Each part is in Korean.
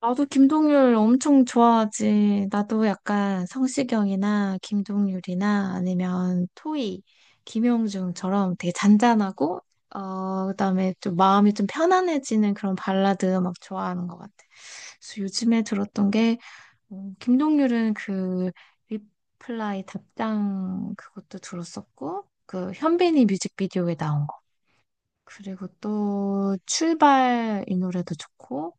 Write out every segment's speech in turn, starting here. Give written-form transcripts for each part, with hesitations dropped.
나도 김동률 엄청 좋아하지. 나도 약간 성시경이나 김동률이나 아니면 토이, 김영중처럼 되게 잔잔하고, 그다음에 좀 마음이 좀 편안해지는 그런 발라드 막 좋아하는 것 같아. 그래서 요즘에 들었던 게, 김동률은 그 리플라이 답장 그것도 들었었고, 그 현빈이 뮤직비디오에 나온 거. 그리고 또 출발 이 노래도 좋고,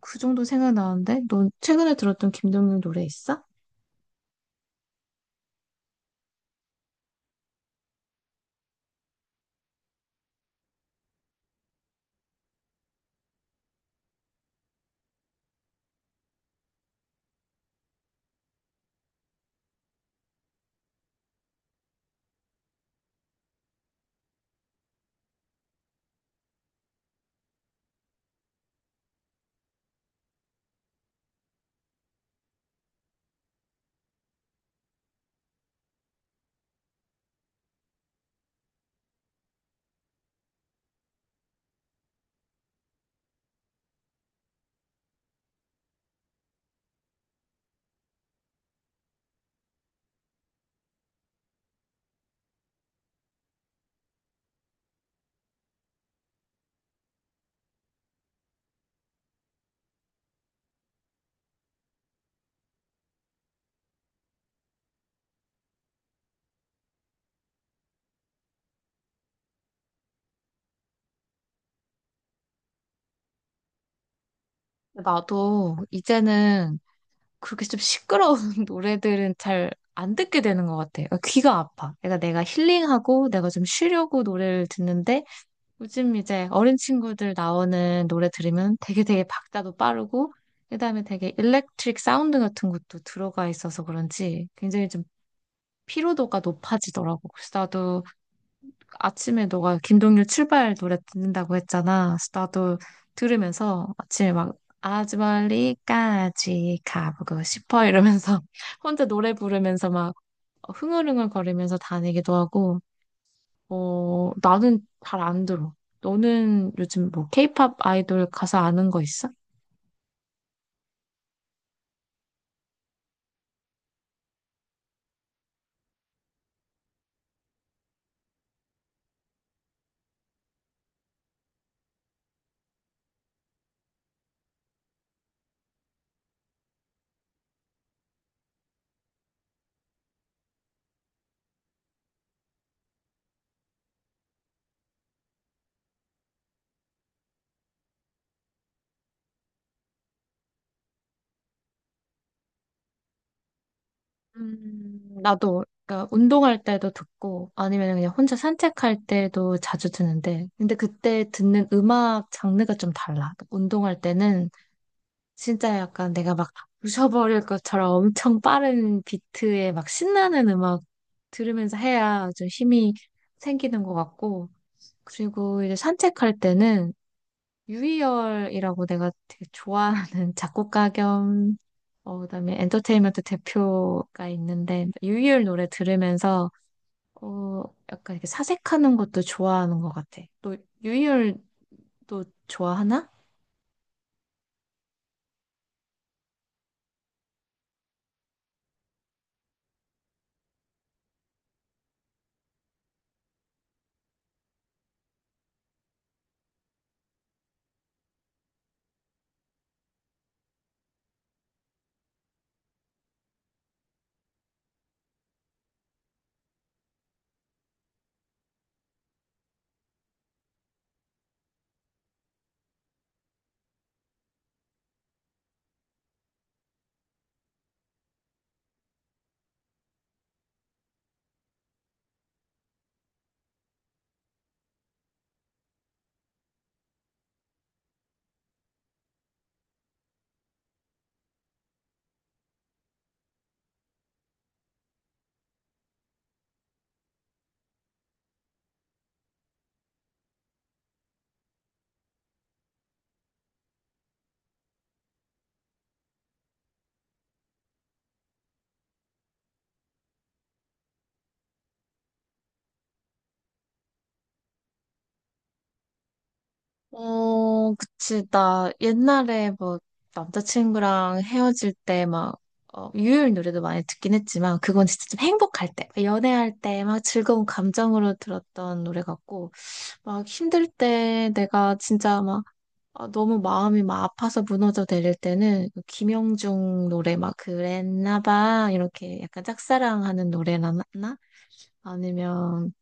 그 정도 생각나는데? 넌 최근에 들었던 김동률 노래 있어? 나도 이제는 그렇게 좀 시끄러운 노래들은 잘 안 듣게 되는 것 같아. 그러니까 귀가 아파. 그러니까 내가 힐링하고 내가 좀 쉬려고 노래를 듣는데 요즘 이제 어린 친구들 나오는 노래 들으면 되게 박자도 빠르고 그다음에 되게 일렉트릭 사운드 같은 것도 들어가 있어서 그런지 굉장히 좀 피로도가 높아지더라고. 그래서 나도 아침에 너가 김동률 출발 노래 듣는다고 했잖아. 그래서 나도 들으면서 아침에 막 아주 멀리까지 가보고 싶어 이러면서 혼자 노래 부르면서 막 흥얼흥얼 거리면서 다니기도 하고, 나는 잘 안 들어. 너는 요즘 뭐 케이팝 아이돌 가사 아는 거 있어? 나도 그러니까 운동할 때도 듣고 아니면 그냥 혼자 산책할 때도 자주 듣는데 근데 그때 듣는 음악 장르가 좀 달라. 그러니까 운동할 때는 진짜 약간 내가 막 부셔버릴 것처럼 엄청 빠른 비트에 막 신나는 음악 들으면서 해야 좀 힘이 생기는 것 같고 그리고 이제 산책할 때는 유희열이라고 내가 되게 좋아하는 작곡가 겸 그다음에 엔터테인먼트 대표가 있는데 유희열 노래 들으면서 어, 약간 이렇게 사색하는 것도 좋아하는 것 같아. 너 유희열도 좋아하나? 어, 그치. 나 옛날에 뭐 남자친구랑 헤어질 때 막 유희열 노래도 많이 듣긴 했지만 그건 진짜 좀 행복할 때, 연애할 때 막 즐거운 감정으로 들었던 노래 같고 막 힘들 때 내가 진짜 막 너무 마음이 막 아파서 무너져 내릴 때는 그 김영중 노래 막 그랬나 봐 이렇게 약간 짝사랑하는 노래나 나? 아니면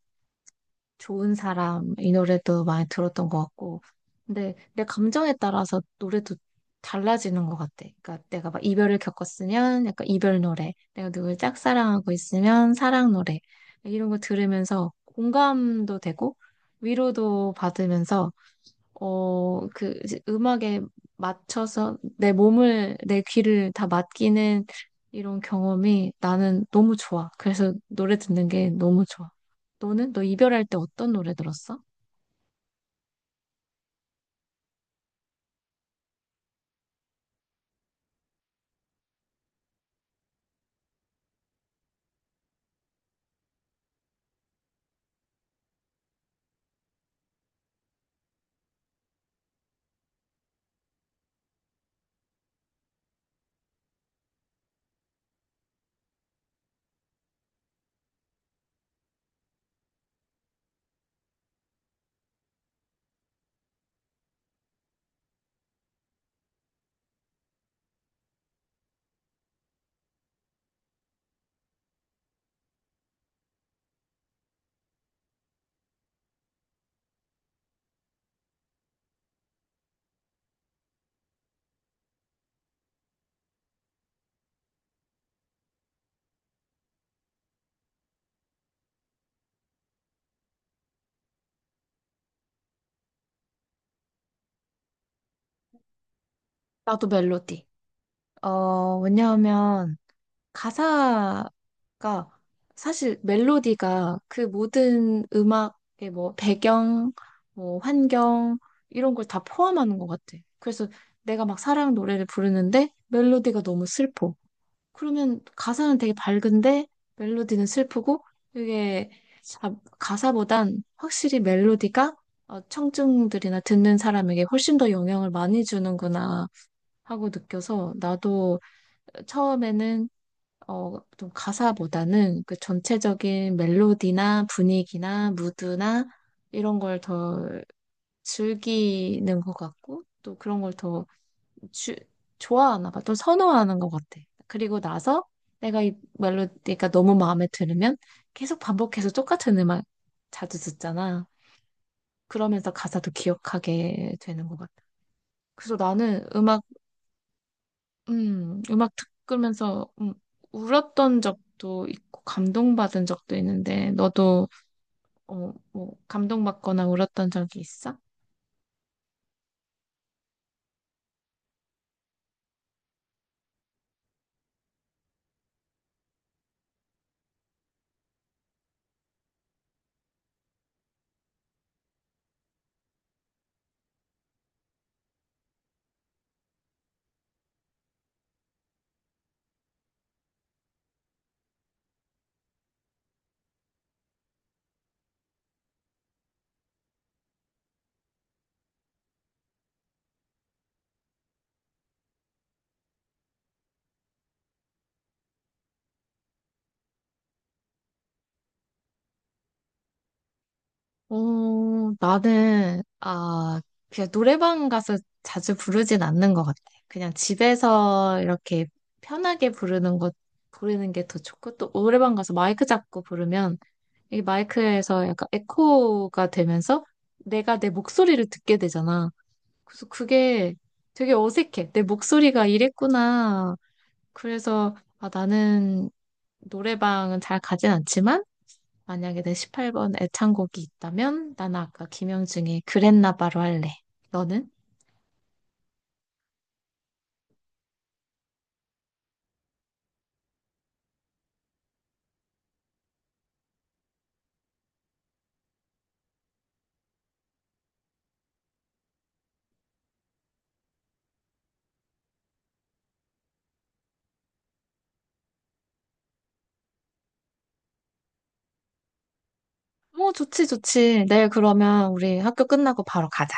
좋은 사람 이 노래도 많이 들었던 것 같고 근데 내 감정에 따라서 노래도 달라지는 것 같아. 그러니까 내가 막 이별을 겪었으면 약간 이별 노래, 내가 누굴 짝사랑하고 있으면 사랑 노래 이런 거 들으면서 공감도 되고 위로도 받으면서 그 이제 음악에 맞춰서 내 몸을, 내 귀를 다 맡기는 이런 경험이 나는 너무 좋아. 그래서 노래 듣는 게 너무 좋아. 너는? 너 이별할 때 어떤 노래 들었어? 나도 멜로디. 어, 왜냐하면 가사가 사실 멜로디가 그 모든 음악의 뭐 배경, 뭐 환경 이런 걸 다 포함하는 것 같아. 그래서 내가 막 사랑 노래를 부르는데 멜로디가 너무 슬퍼. 그러면 가사는 되게 밝은데 멜로디는 슬프고 이게 가사보단 확실히 멜로디가 청중들이나 듣는 사람에게 훨씬 더 영향을 많이 주는구나 하고 느껴서 나도 처음에는 좀 가사보다는 그 전체적인 멜로디나 분위기나 무드나 이런 걸 더 즐기는 것 같고 또 그런 걸더 주, 좋아하나 봐. 좀 선호하는 것 같아. 그리고 나서 내가 이 멜로디가 너무 마음에 들으면 계속 반복해서 똑같은 음악 자주 듣잖아. 그러면서 가사도 기억하게 되는 것 같아. 그래서 나는 음악 듣으면서 울었던 적도 있고 감동받은 적도 있는데 너도 감동받거나 울었던 적이 있어? 어, 나는, 아, 그냥 노래방 가서 자주 부르진 않는 것 같아. 그냥 집에서 이렇게 편하게 부르는 게 더 좋고, 또 노래방 가서 마이크 잡고 부르면 이 마이크에서 약간 에코가 되면서 내가 내 목소리를 듣게 되잖아. 그래서 그게 되게 어색해. 내 목소리가 이랬구나. 그래서 나는 노래방은 잘 가진 않지만 만약에 내 18번 애창곡이 있다면 나는 아까 김영중의 그랬나 바로 할래. 너는? 어, 좋지, 좋지. 내일 그러면 우리 학교 끝나고 바로 가자.